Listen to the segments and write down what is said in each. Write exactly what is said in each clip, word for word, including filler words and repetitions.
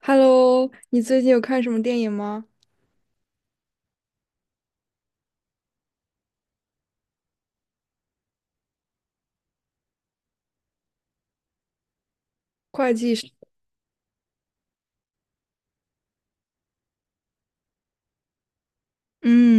Hello，你最近有看什么电影吗？会计是嗯，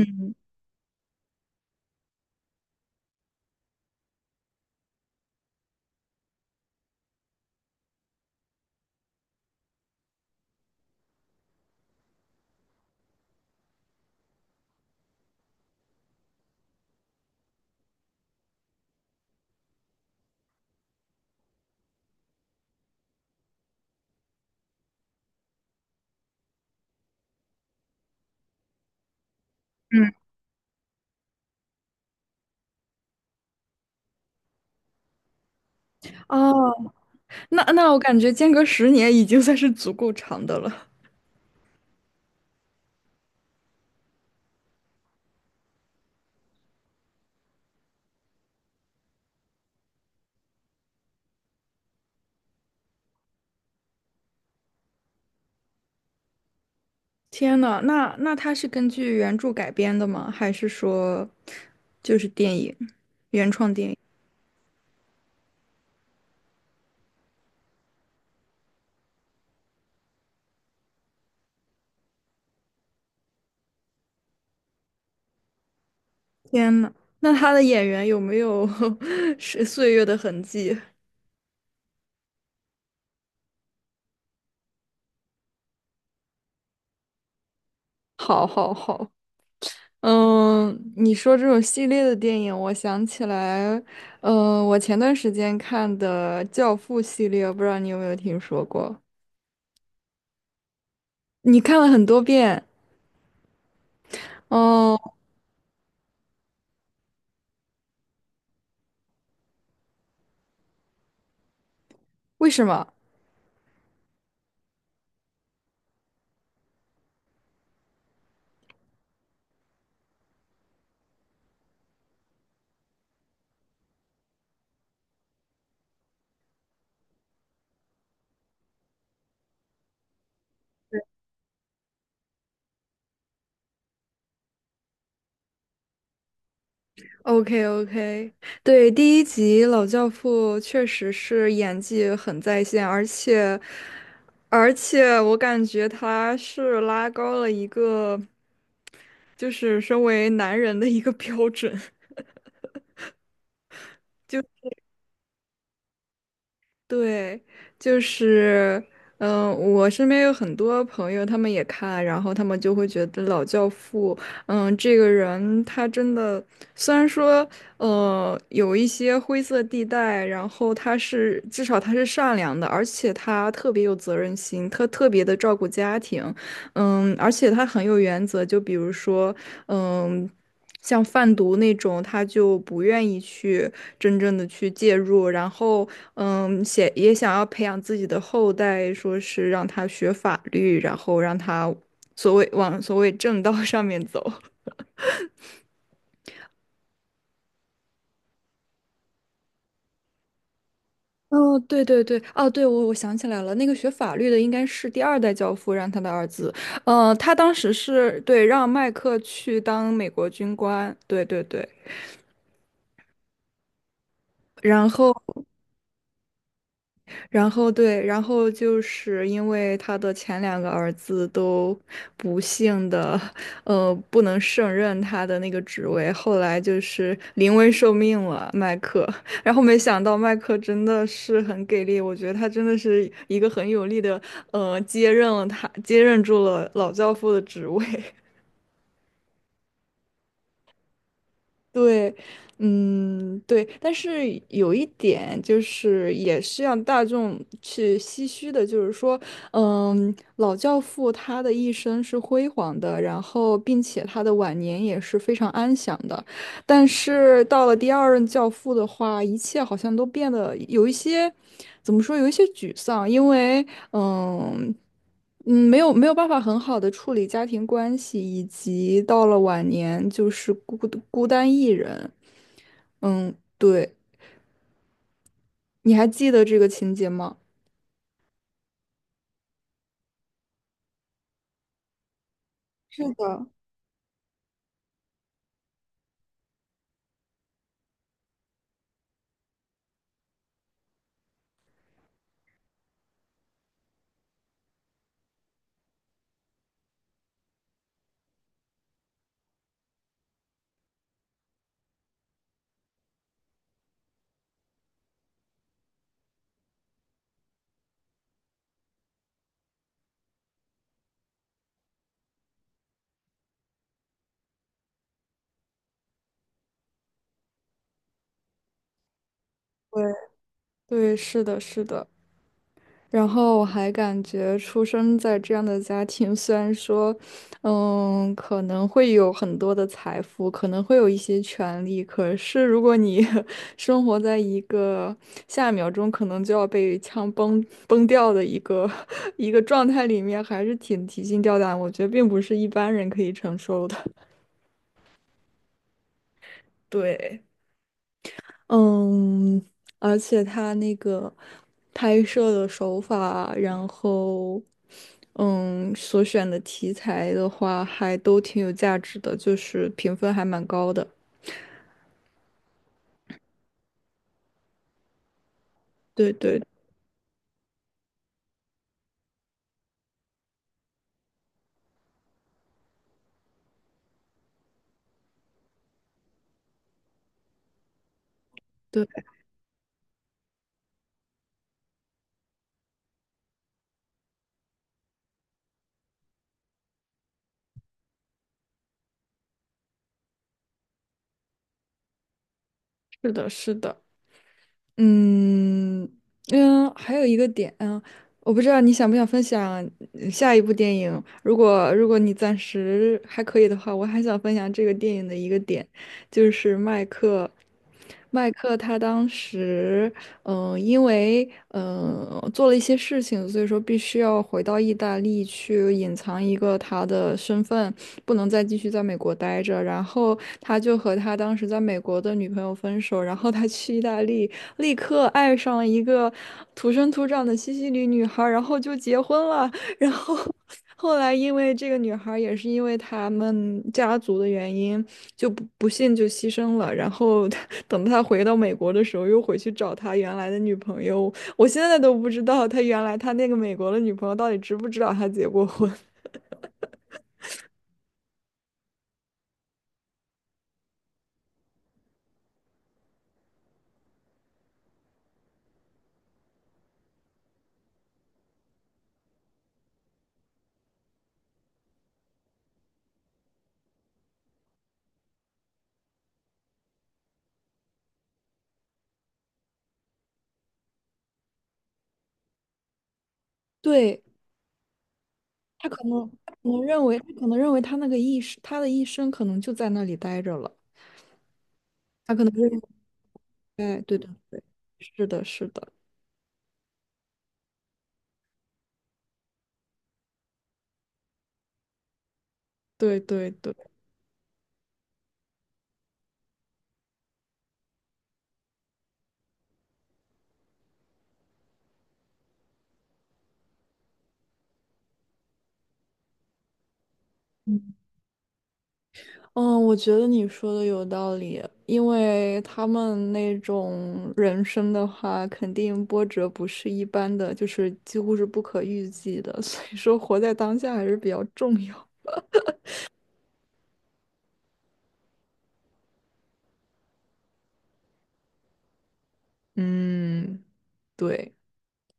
哦，那那我感觉间隔十年已经算是足够长的了。天呐，那那它是根据原著改编的吗？还是说就是电影，原创电影？天呐，那他的演员有没有 是岁月的痕迹？好，好，好。嗯，你说这种系列的电影，我想起来，呃，我前段时间看的《教父》系列，不知道你有没有听说过？你看了很多遍哦？为什么？OK OK,对，第一集老教父确实是演技很在线，而且而且我感觉他是拉高了一个，就是身为男人的一个标准。就。对，就是，嗯、我身边有很多朋友，他们也看，然后他们就会觉得《老教父》，嗯，这个人他真的，虽然说，呃，有一些灰色地带，然后他是至少他是善良的，而且他特别有责任心，他特别的照顾家庭，嗯，而且他很有原则，就比如说，嗯。像贩毒那种，他就不愿意去真正的去介入，然后，嗯，写也想要培养自己的后代，说是让他学法律，然后让他所谓往所谓正道 上面走。哦，对对对，哦，对，我我想起来了，那个学法律的应该是第二代教父让他的儿子，呃，他当时是对让麦克去当美国军官，对对对，然后。然后对，然后就是因为他的前两个儿子都不幸的，呃，不能胜任他的那个职位，后来就是临危受命了，麦克。然后没想到麦克真的是很给力，我觉得他真的是一个很有力的，呃，接任了他，接任住了老教父的职位。对，嗯，对，但是有一点就是，也是让大众去唏嘘的，就是说，嗯，老教父他的一生是辉煌的，然后并且他的晚年也是非常安详的，但是到了第二任教父的话，一切好像都变得有一些，怎么说，有一些沮丧，因为。嗯嗯，没有没有办法很好的处理家庭关系，以及到了晚年就是孤孤单一人。对，你还记得这个情节吗？是的，对对，是的，是的。然后我还感觉出生在这样的家庭，虽然说，嗯，可能会有很多的财富，可能会有一些权利，可是如果你 生活在一个下一秒钟可能就要被枪崩崩掉的一个 一个状态里面，还是挺提心吊胆，我觉得并不是一般人可以承受的。对。嗯，而且他那个拍摄的手法，然后嗯，所选的题材的话，还都挺有价值的，就是评分还蛮高的。对对对，是的，是的。嗯嗯，还有一个点，嗯，我不知道你想不想分享嗯下一部电影。如果如果你暂时还可以的话，我还想分享这个电影的一个点，就是麦克，麦克他当时嗯、呃因为嗯、呃做了一些事情，所以说必须要回到意大利去隐藏一个他的身份，不能再继续在美国待着。然后他就和他当时在美国的女朋友分手，然后他去意大利，立刻爱上了一个土生土长的西西里女孩儿然后就结婚了。然后后来因为这个女孩儿也是因为他们家族的原因，就不不幸就牺牲了。然后她等他回到美国的时候，又回去找他原来的女朋友。我现在都不知道他原来他那个美国的女朋友到底知不知道他结过婚。对，他可能他可能认为他可能认为他那个一生他的一生可能就在那里待着了。他可能认为，哎，对对对，是的，是的，对对对。嗯，我觉得你说的有道理，因为他们那种人生的话，肯定波折不是一般的，就是几乎是不可预计的，所以说活在当下还是比较重要。嗯，对。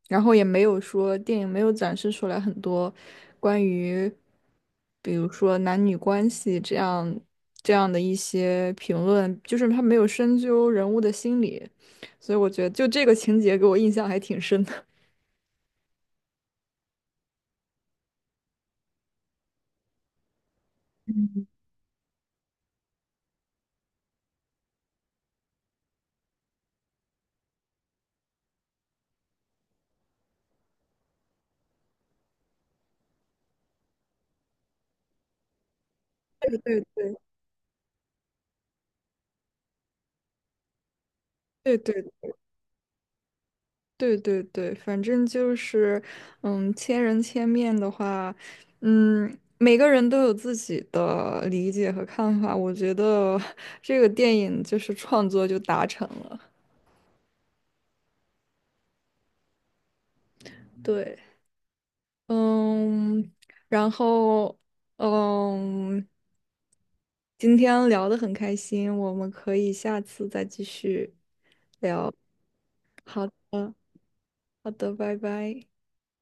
然后也没有说电影没有展示出来很多关于，比如说男女关系这样这样的一些评论，就是他没有深究人物的心理，所以我觉得就这个情节给我印象还挺深的。对对对对对对对，反正就是，嗯，千人千面的话，嗯，每个人都有自己的理解和看法。我觉得 这个电影就是创作就达成了。对，嗯，然后，嗯，今天聊得很开心，我们可以下次再继续。嗯，好的，拜拜。